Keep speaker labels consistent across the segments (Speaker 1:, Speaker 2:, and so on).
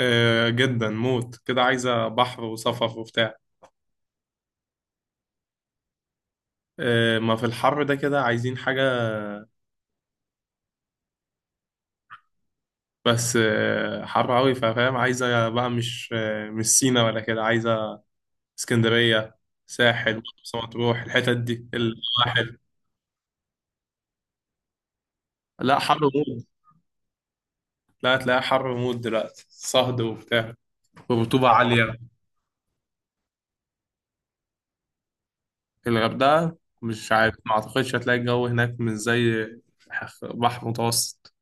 Speaker 1: آه، جدا موت كده، عايزة بحر وصفف وبتاع. آه، ما في الحر ده كده عايزين حاجة. بس حر أوي، فاهم. عايزة بقى، مش مش سينا ولا كده، عايزة اسكندرية، ساحل مرسى مطروح، الحتت دي الواحد. لا حر موت. لا تلاقيها حر موت دلوقتي، صهد وبتاع، ورطوبة عالية. الغردقة مش عارف، ما أعتقدش هتلاقي الجو هناك مش زي بحر متوسط.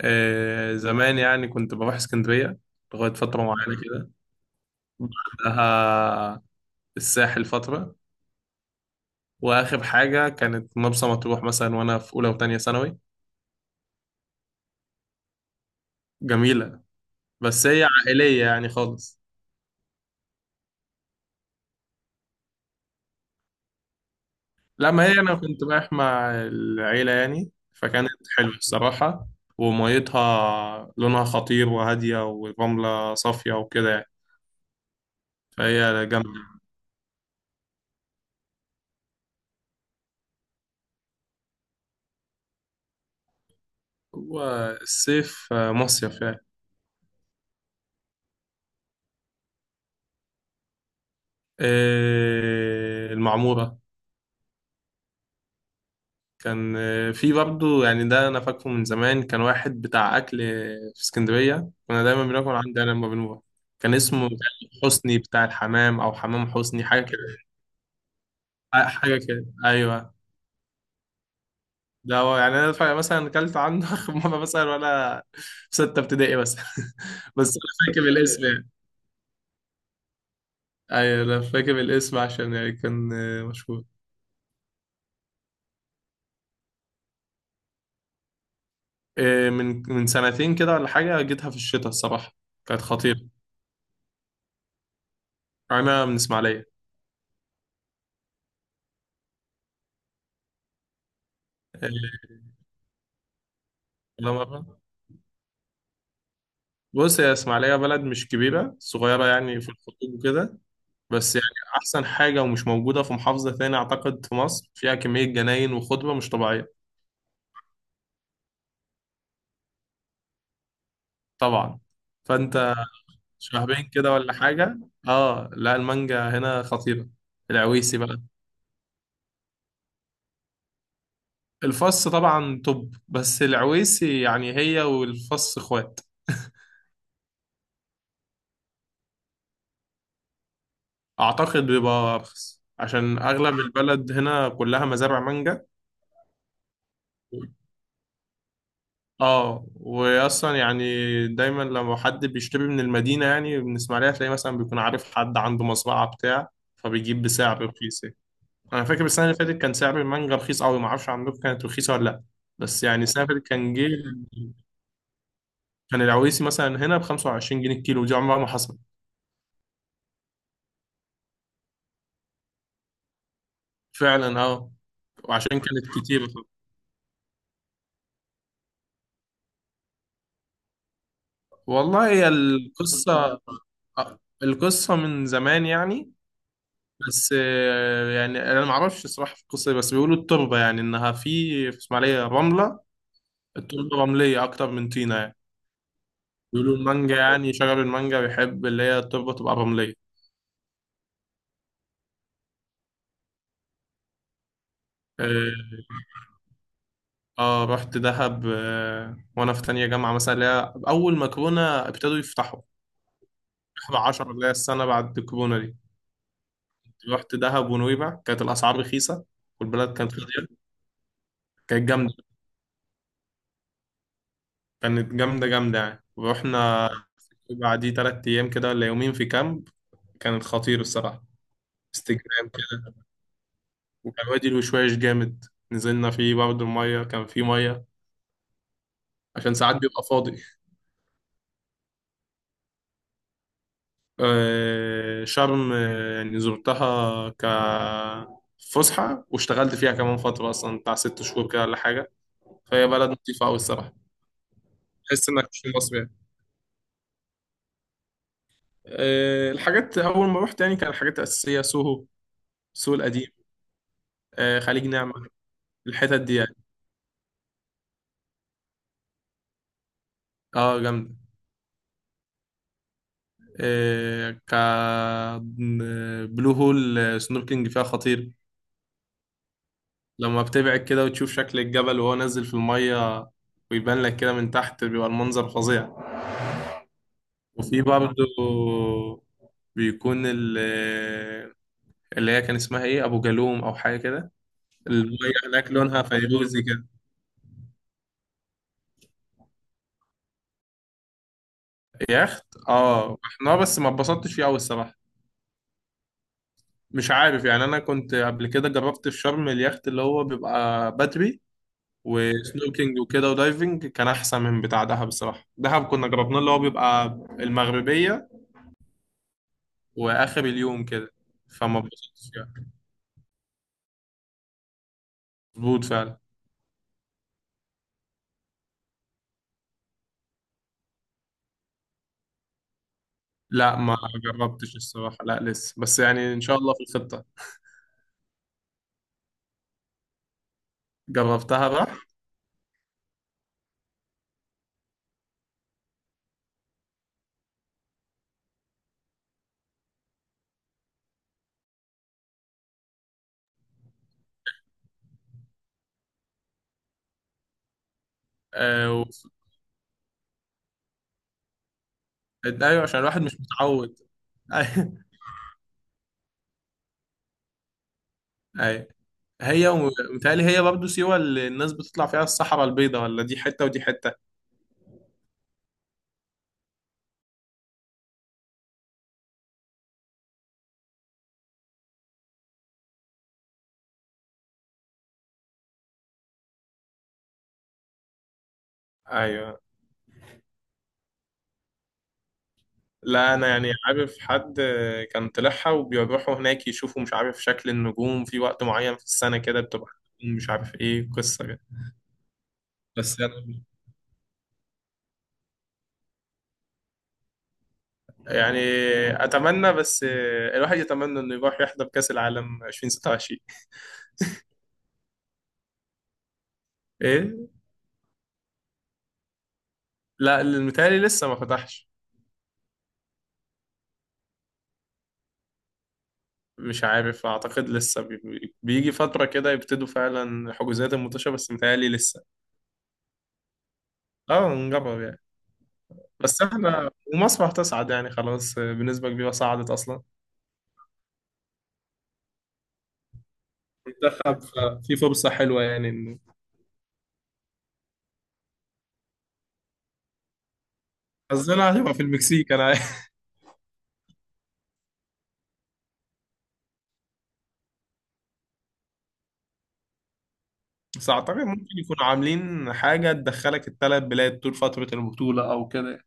Speaker 1: آه زمان يعني، كنت بروح اسكندرية لغاية فترة معينة كده. بعدها الساحل فترة، وآخر حاجة كانت مرسى مطروح مثلا، وأنا في أولى وتانية ثانوي. جميلة، بس هي عائلية يعني خالص. لما هي أنا كنت رايح مع العيلة يعني، فكانت حلوة الصراحة. وميتها لونها خطير، وهادية، ورملة صافية وكده يعني، فهي جامدة. والصيف مصيف يعني. آه، المعمورة. كان في برضه يعني، ده انا فاكره من زمان، كان واحد بتاع اكل في اسكندريه كنا دايما بناكل عندي انا لما بنروح. كان اسمه حسني بتاع الحمام، او حمام حسني حاجه كده. آه، حاجه كده ايوه. ده هو يعني، انا مثلا اكلت عنده اخر مره مثلا وانا في سته ابتدائي بس بس انا فاكر الاسم يعني. ايوه انا فاكر الاسم عشان يعني كان مشهور. آه، من سنتين كده ولا حاجه، جيتها في الشتاء الصراحه، كانت خطيره. انا من اسماعيليه. آه، ولا مرة. بص، يا اسماعيلية بلد مش كبيرة، صغيرة يعني في الخطوط وكده، بس يعني أحسن حاجة ومش موجودة في محافظة تاني أعتقد في مصر، فيها كمية جناين وخضرة مش طبيعية. طبعا، فأنت. شهرين كده ولا حاجة. آه لا، المانجا هنا خطيرة، العويسي بقى. الفص طبعا توب، بس العويسي يعني هي والفص إخوات. أعتقد بيبقى أرخص عشان أغلب البلد هنا كلها مزارع مانجا. اه واصلا يعني، دايما لما حد بيشتري من المدينه يعني من اسماعيليه، تلاقي مثلا بيكون عارف حد عنده مزرعه بتاع، فبيجيب بسعر رخيص يعني. انا فاكر السنه اللي فاتت كان سعر المانجا رخيص قوي، ما اعرفش عندكم كانت رخيصه ولا لا. بس يعني السنه اللي فاتت كان جه، كان العويسي مثلا هنا ب 25 جنيه الكيلو، دي عمرها ما حصلت. فعلا اه، وعشان كانت كتير. والله هي القصه، آه، القصة من زمان يعني. بس يعني انا ما اعرفش الصراحه في القصه دي، بس بيقولوا التربه يعني انها في اسماعيليه رمله. التربه رمليه اكتر من طينه يعني. بيقولوا المانجا يعني شجر المانجا بيحب اللي هي التربه تبقى رمليه. اه. آه، رحت دهب، آه وانا في تانية جامعه مثلا، اللي هي اول ما كورونا ابتدوا يفتحوا، 11 اللي هي السنه بعد الكورونا دي. رحت دهب ونويبع، كانت الاسعار رخيصه، والبلد كانت فاضيه، كانت جامده. كانت جامده جامده يعني، ورحنا بعديه تلات أيام كده ولا يومين في كامب، كانت خطير الصراحة، استجمام كده. وكان وادي الوشواش جامد، نزلنا فيه برضه، المية كان فيه مية عشان ساعات بيبقى فاضي. آه، شرم، آه، يعني زرتها ك فسحة، واشتغلت فيها كمان فترة أصلا بتاع ست شهور كده ولا حاجة، فهي بلد لطيفة أوي الصراحة. تحس إنك مش في مصر يعني. آه، الحاجات أول ما روحت يعني، كان الحاجات الأساسية سوهو، سوق القديم، آه، خليج نعمة، الحتت دي يعني. اه جامدة. كبلو هول، سنوركينج فيها خطير. لما بتبعد كده وتشوف شكل الجبل وهو نازل في المية، ويبان لك كده من تحت، بيبقى المنظر فظيع. وفي برضه بيكون اللي هي كان اسمها ايه، ابو جالوم او حاجه كده. الميه هناك لونها فيروزي كده. يخت اه، احنا بس ما اتبسطتش فيه قوي الصراحه. مش عارف يعني، انا كنت قبل كده جربت في شرم اليخت اللي هو بيبقى بدري وسنوكينج وكده ودايفنج، كان احسن من بتاع دهب الصراحه. دهب كنا جربناه اللي هو بيبقى المغربيه واخر اليوم كده، فما اتبسطتش يعني. مظبوط فعلا. لا ما جربتش الصراحه، لا لسه بس يعني ان شاء الله في الخطه. جربتها بقى. آه و... ايوه عشان الواحد مش متعود. ايوه. أيوة. هي ومتهيألي هي برضه سيوه اللي الناس بتطلع فيها الصحراء البيضاء، ولا دي حته ودي حته. ايوه. لا انا يعني عارف حد كان طلعها، وبيروحوا هناك يشوفوا مش عارف شكل النجوم في وقت معين في السنة كده بتبقى، مش عارف ايه قصة كده. بس أنا يعني، اتمنى بس الواحد يتمنى انه يروح يحضر كأس العالم 2026. ايه. لا المتهيألي لسه ما فتحش. مش عارف، اعتقد لسه بيجي فترة كده يبتدوا فعلا حجوزات الماتشة، بس متهيألي لسه. اه نجرب يعني. بس احنا ومصر هتصعد يعني، خلاص بنسبة كبيرة صعدت اصلا منتخب، ففي فرصة حلوة يعني انه حظنا هتبقى في المكسيك انا عارف. بس اعتقد ممكن يكونوا عاملين حاجة تدخلك الثلاث بلاد طول فترة البطولة او كده.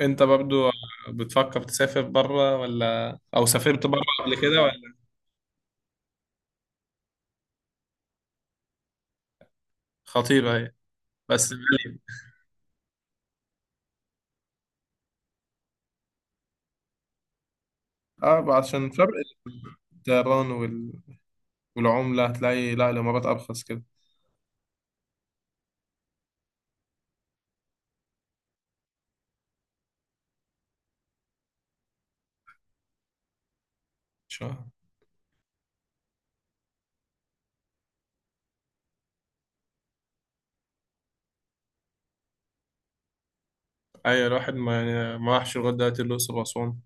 Speaker 1: انت برضو بتفكر تسافر بره، ولا او سافرت بره قبل كده ولا. خطيرة هي، بس غالية. اه عشان فرق الطيران وال... والعملة، هتلاقي لا الامارات ارخص كده. شهر. اي الواحد ما يعني ما راحش لغاية دلوقتي الاقصر واسوان،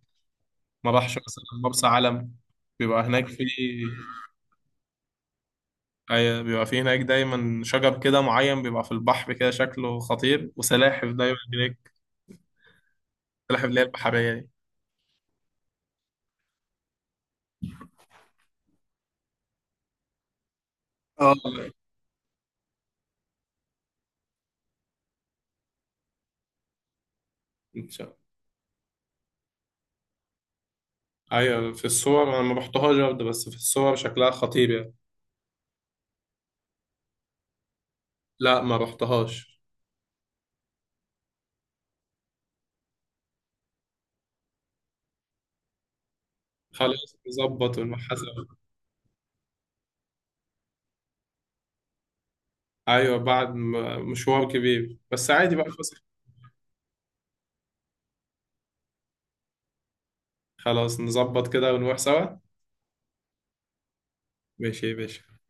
Speaker 1: ما راحش مثلا مرسى علم، بيبقى هناك في. أيوة بيبقى في هناك دايما شجر كده معين بيبقى في البحر كده شكله خطير، وسلاحف دايما هناك، السلاحف اللي هي البحرية دي. اه لا، مش-. أيوة في الصور، أنا ما رحتهاش برضه، بس في الصور شكلها خطير يعني. لا ما رحتهاش. خلاص نظبط ونحاسب. أيوة بعد مشوار كبير، بس عادي بقى فسح. خلاص نظبط كده ونروح سوا. ماشي يا باشا.